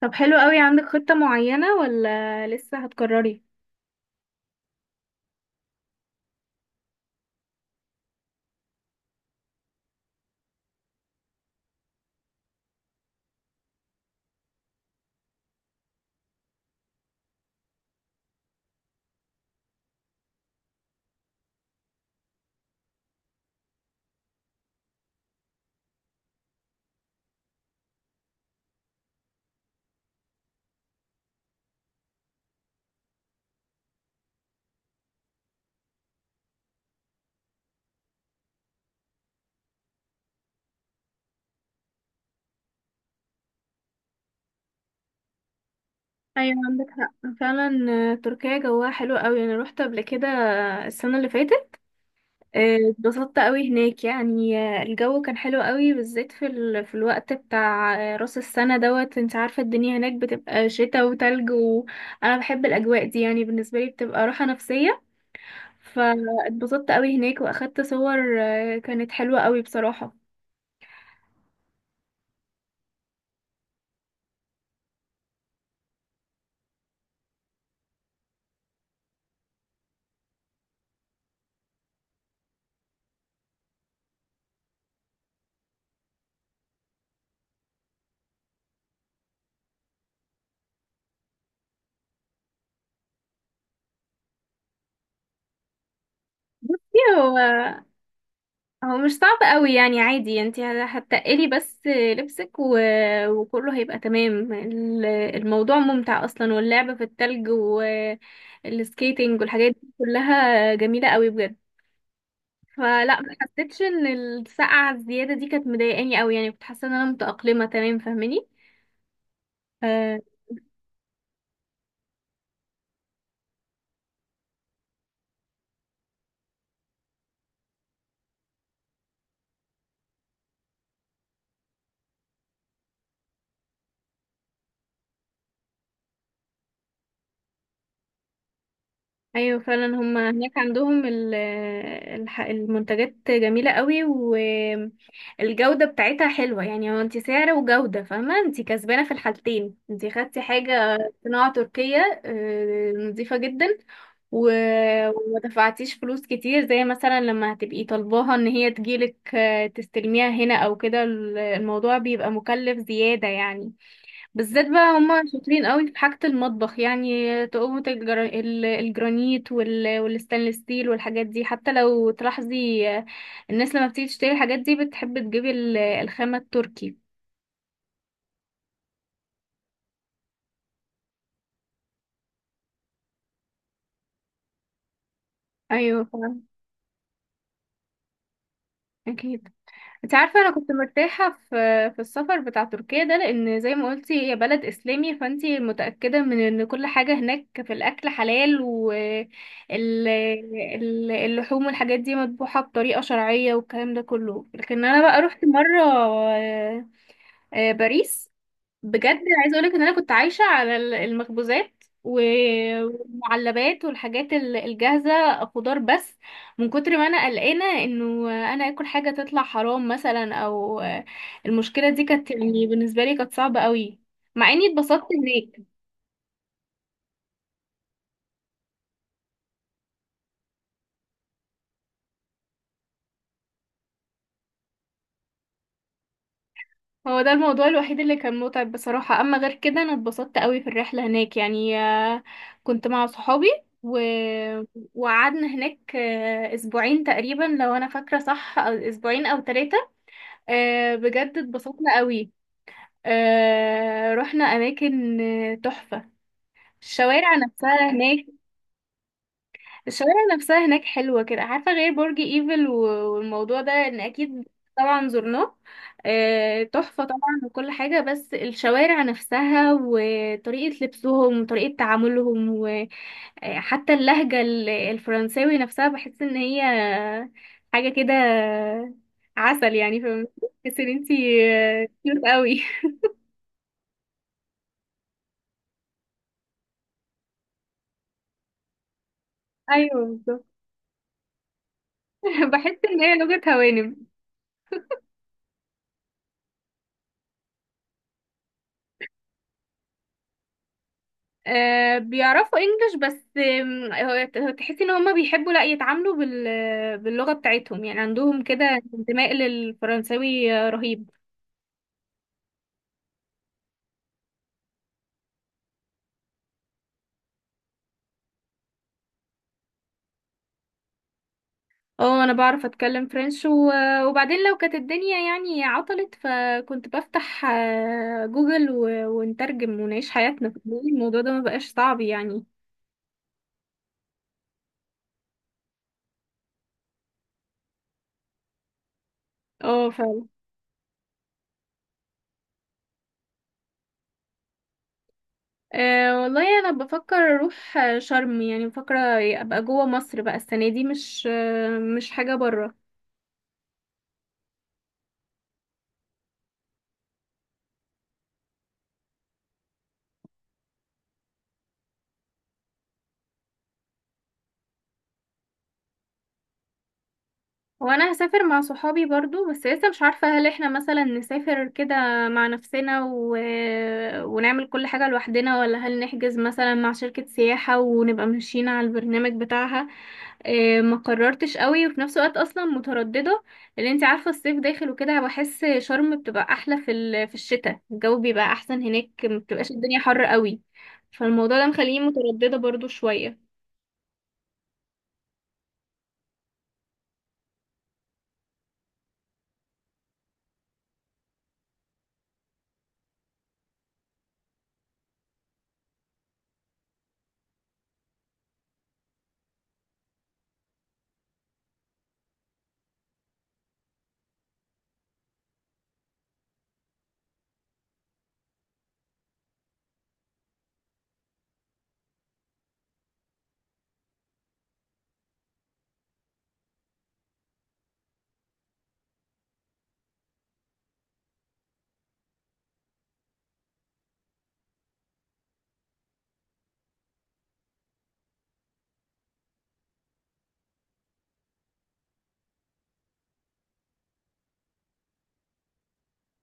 طب، حلو قوي. عندك خطة معينة ولا لسه هتكرري؟ ايوه، عندك حق فعلا. تركيا جواها حلو قوي، انا روحت قبل كده، السنه اللي فاتت. اتبسطت قوي هناك يعني. الجو كان حلو قوي، بالذات في في الوقت بتاع راس السنه دوت. انت عارفه الدنيا هناك بتبقى شتاء وتلج، وانا بحب الاجواء دي، يعني بالنسبه لي بتبقى راحه نفسيه. فاتبسطت قوي هناك واخدت صور كانت حلوه قوي بصراحه. هو مش صعب قوي يعني، عادي، انت هتقلي بس لبسك وكله هيبقى تمام. الموضوع ممتع اصلا، واللعب في التلج والسكيتنج والحاجات دي كلها جميلة قوي بجد. فلا، ما حسيتش ان السقعة الزيادة دي كانت مضايقاني قوي، يعني كنت حاسة ان انا متأقلمة تمام، فاهماني؟ آه. ايوه فعلا، هما هناك عندهم المنتجات جميله قوي، والجوده بتاعتها حلوه، يعني هو انت سعر وجوده، فاهمه؟ انت كسبانه في الحالتين. انت خدتي حاجه صناعه تركيه، نظيفه جدا، و... وما دفعتيش فلوس كتير، زي مثلا لما هتبقي طالباها ان هي تجيلك تستلميها هنا او كده، الموضوع بيبقى مكلف زياده يعني. بالذات بقى هما شاطرين قوي في حاجة المطبخ، يعني تقومة الجرانيت والستانلس ستيل والحاجات دي، حتى لو تلاحظي، الناس لما بتيجي تشتري الحاجات دي بتحب تجيب الخامة التركي. ايوه فعلا. اكيد. انت عارفة انا كنت مرتاحة في السفر بتاع تركيا ده، لان زي ما قلتي هي بلد اسلامي، فانت متأكدة من ان كل حاجة هناك في الاكل حلال، واللحوم والحاجات دي مذبوحة بطريقة شرعية، والكلام ده كله. لكن انا بقى رحت مرة باريس، بجد عايزه اقولك ان انا كنت عايشه على المخبوزات والمعلبات والحاجات الجاهزه، خضار بس، من كتر ما انا قلقانه انه انا اكل حاجه تطلع حرام مثلا او... المشكله دي كانت، يعني بالنسبه لي كانت صعبه قوي، مع اني اتبسطت هناك. هو ده الموضوع الوحيد اللي كان متعب بصراحه، اما غير كده انا اتبسطت قوي في الرحله هناك، يعني كنت مع صحابي و... وقعدنا هناك اسبوعين تقريبا، لو انا فاكره صح، أو اسبوعين او ثلاثه. آه، بجد اتبسطنا قوي. آه، رحنا اماكن تحفة. الشوارع نفسها هناك الشوارع نفسها هناك حلوة، كده عارفة؟ غير برج ايفل والموضوع ده، ان اكيد طبعا زرناه، آه تحفة طبعا، وكل حاجة، بس الشوارع نفسها وطريقة لبسهم وطريقة تعاملهم، وحتى اللهجة الفرنساوي نفسها، بحس ان هي حاجة كده عسل، يعني فاهمة؟ بس ان انتي كيوت قوي. ايوه بالظبط. بحس ان هي لغة هوانم. آه، بيعرفوا انجلش، بس تحسي ان هما بيحبوا لا يتعاملوا باللغة بتاعتهم، يعني عندهم كده انتماء للفرنساوي رهيب. اه، انا بعرف اتكلم فرنش، وبعدين لو كانت الدنيا يعني عطلت، فكنت بفتح جوجل ونترجم ونعيش حياتنا. الموضوع ده ما بقاش صعب يعني. اه. أه والله، انا بفكر اروح شرم، يعني بفكر ابقى جوه مصر بقى السنه دي، مش حاجه بره. وانا هسافر مع صحابي برضو، بس لسه مش عارفة هل احنا مثلا نسافر كده مع نفسنا ونعمل كل حاجة لوحدنا، ولا هل نحجز مثلا مع شركة سياحة ونبقى ماشيين على البرنامج بتاعها. ما قررتش قوي، وفي نفس الوقت اصلا مترددة، لان انت عارفة الصيف داخل وكده، بحس شرم بتبقى احلى في في الشتاء، الجو بيبقى احسن هناك، ما بتبقاش الدنيا حر قوي. فالموضوع ده مخليني مترددة برضو شوية.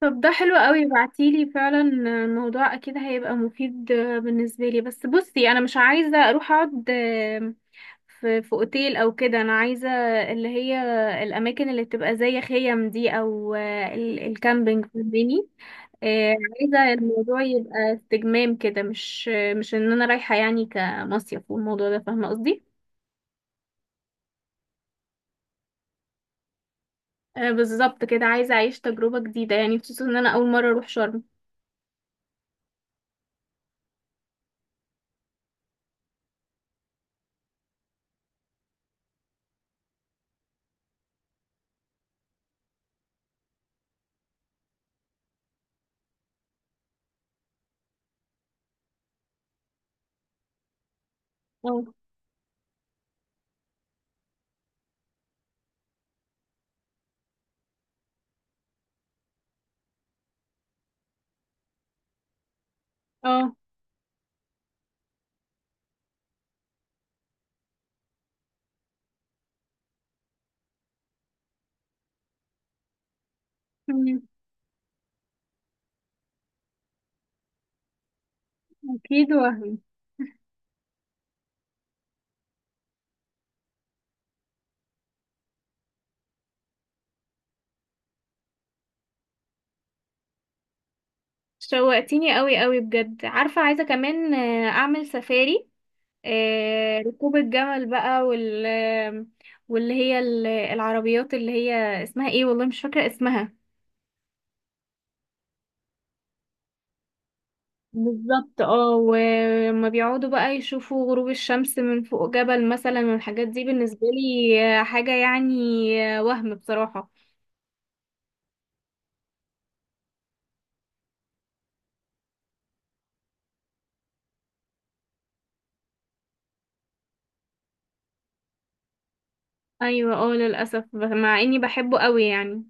طب ده حلو قوي، بعتيلي فعلا، الموضوع اكيد هيبقى مفيد بالنسبه لي. بس بصي، انا مش عايزه اروح اقعد في اوتيل او كده، انا عايزه اللي هي الاماكن اللي بتبقى زي خيم دي، او الكامبينج، فاهماني؟ عايزه الموضوع يبقى استجمام كده، مش ان انا رايحه يعني كمصيف والموضوع ده، فاهمه قصدي؟ بالظبط كده، عايزه اعيش تجربه جديده، يعني خصوصا ان انا اول مره اروح شرم. اه، اه. مم. اكيد. وهم شوقتيني قوي قوي بجد. عارفة، عايزة كمان أعمل سفاري، ركوب الجمل بقى، واللي هي العربيات اللي هي اسمها ايه، والله مش فاكرة اسمها. بالظبط اه. وما بيقعدوا بقى يشوفوا غروب الشمس من فوق جبل مثلا، والحاجات دي بالنسبة لي حاجة يعني، وهم بصراحة. ايوه. اه، للأسف، مع اني بحبه قوي يعني.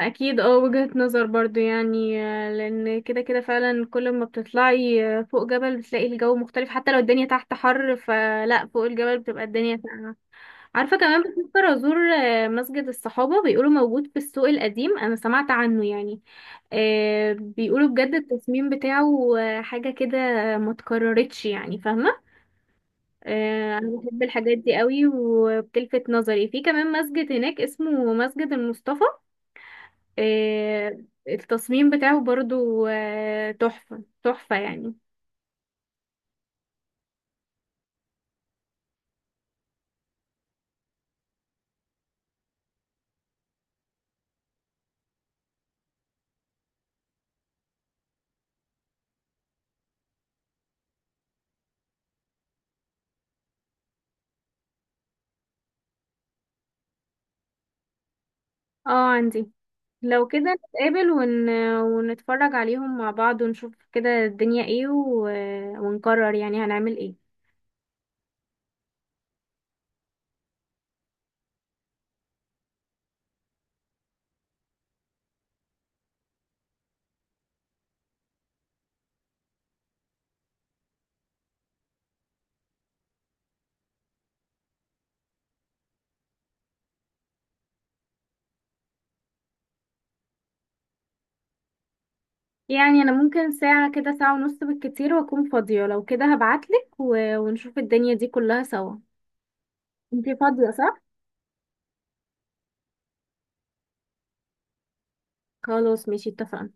اكيد. اه، وجهة نظر برضو، يعني لان كده كده فعلا، كل ما بتطلعي فوق جبل بتلاقي الجو مختلف، حتى لو الدنيا تحت حر، فلا، فوق الجبل بتبقى الدنيا ساقعة. عارفة، كمان بفكر ازور مسجد الصحابة، بيقولوا موجود في السوق القديم، انا سمعت عنه يعني. بيقولوا بجد التصميم بتاعه حاجة كده ما اتكررتش يعني، فاهمة؟ انا بحب الحاجات دي قوي، وبتلفت نظري. في كمان مسجد هناك اسمه مسجد المصطفى، آه، التصميم بتاعه برضو تحفة تحفة يعني. اه، عندي. لو كده نتقابل ونتفرج عليهم مع بعض، ونشوف كده الدنيا ايه ونقرر يعني هنعمل ايه. يعني انا ممكن ساعة كده، ساعة ونص بالكتير، واكون فاضية. لو كده هبعتلك ونشوف الدنيا دي كلها سوا. انتي فاضية صح؟ خلاص، ماشي، اتفقنا.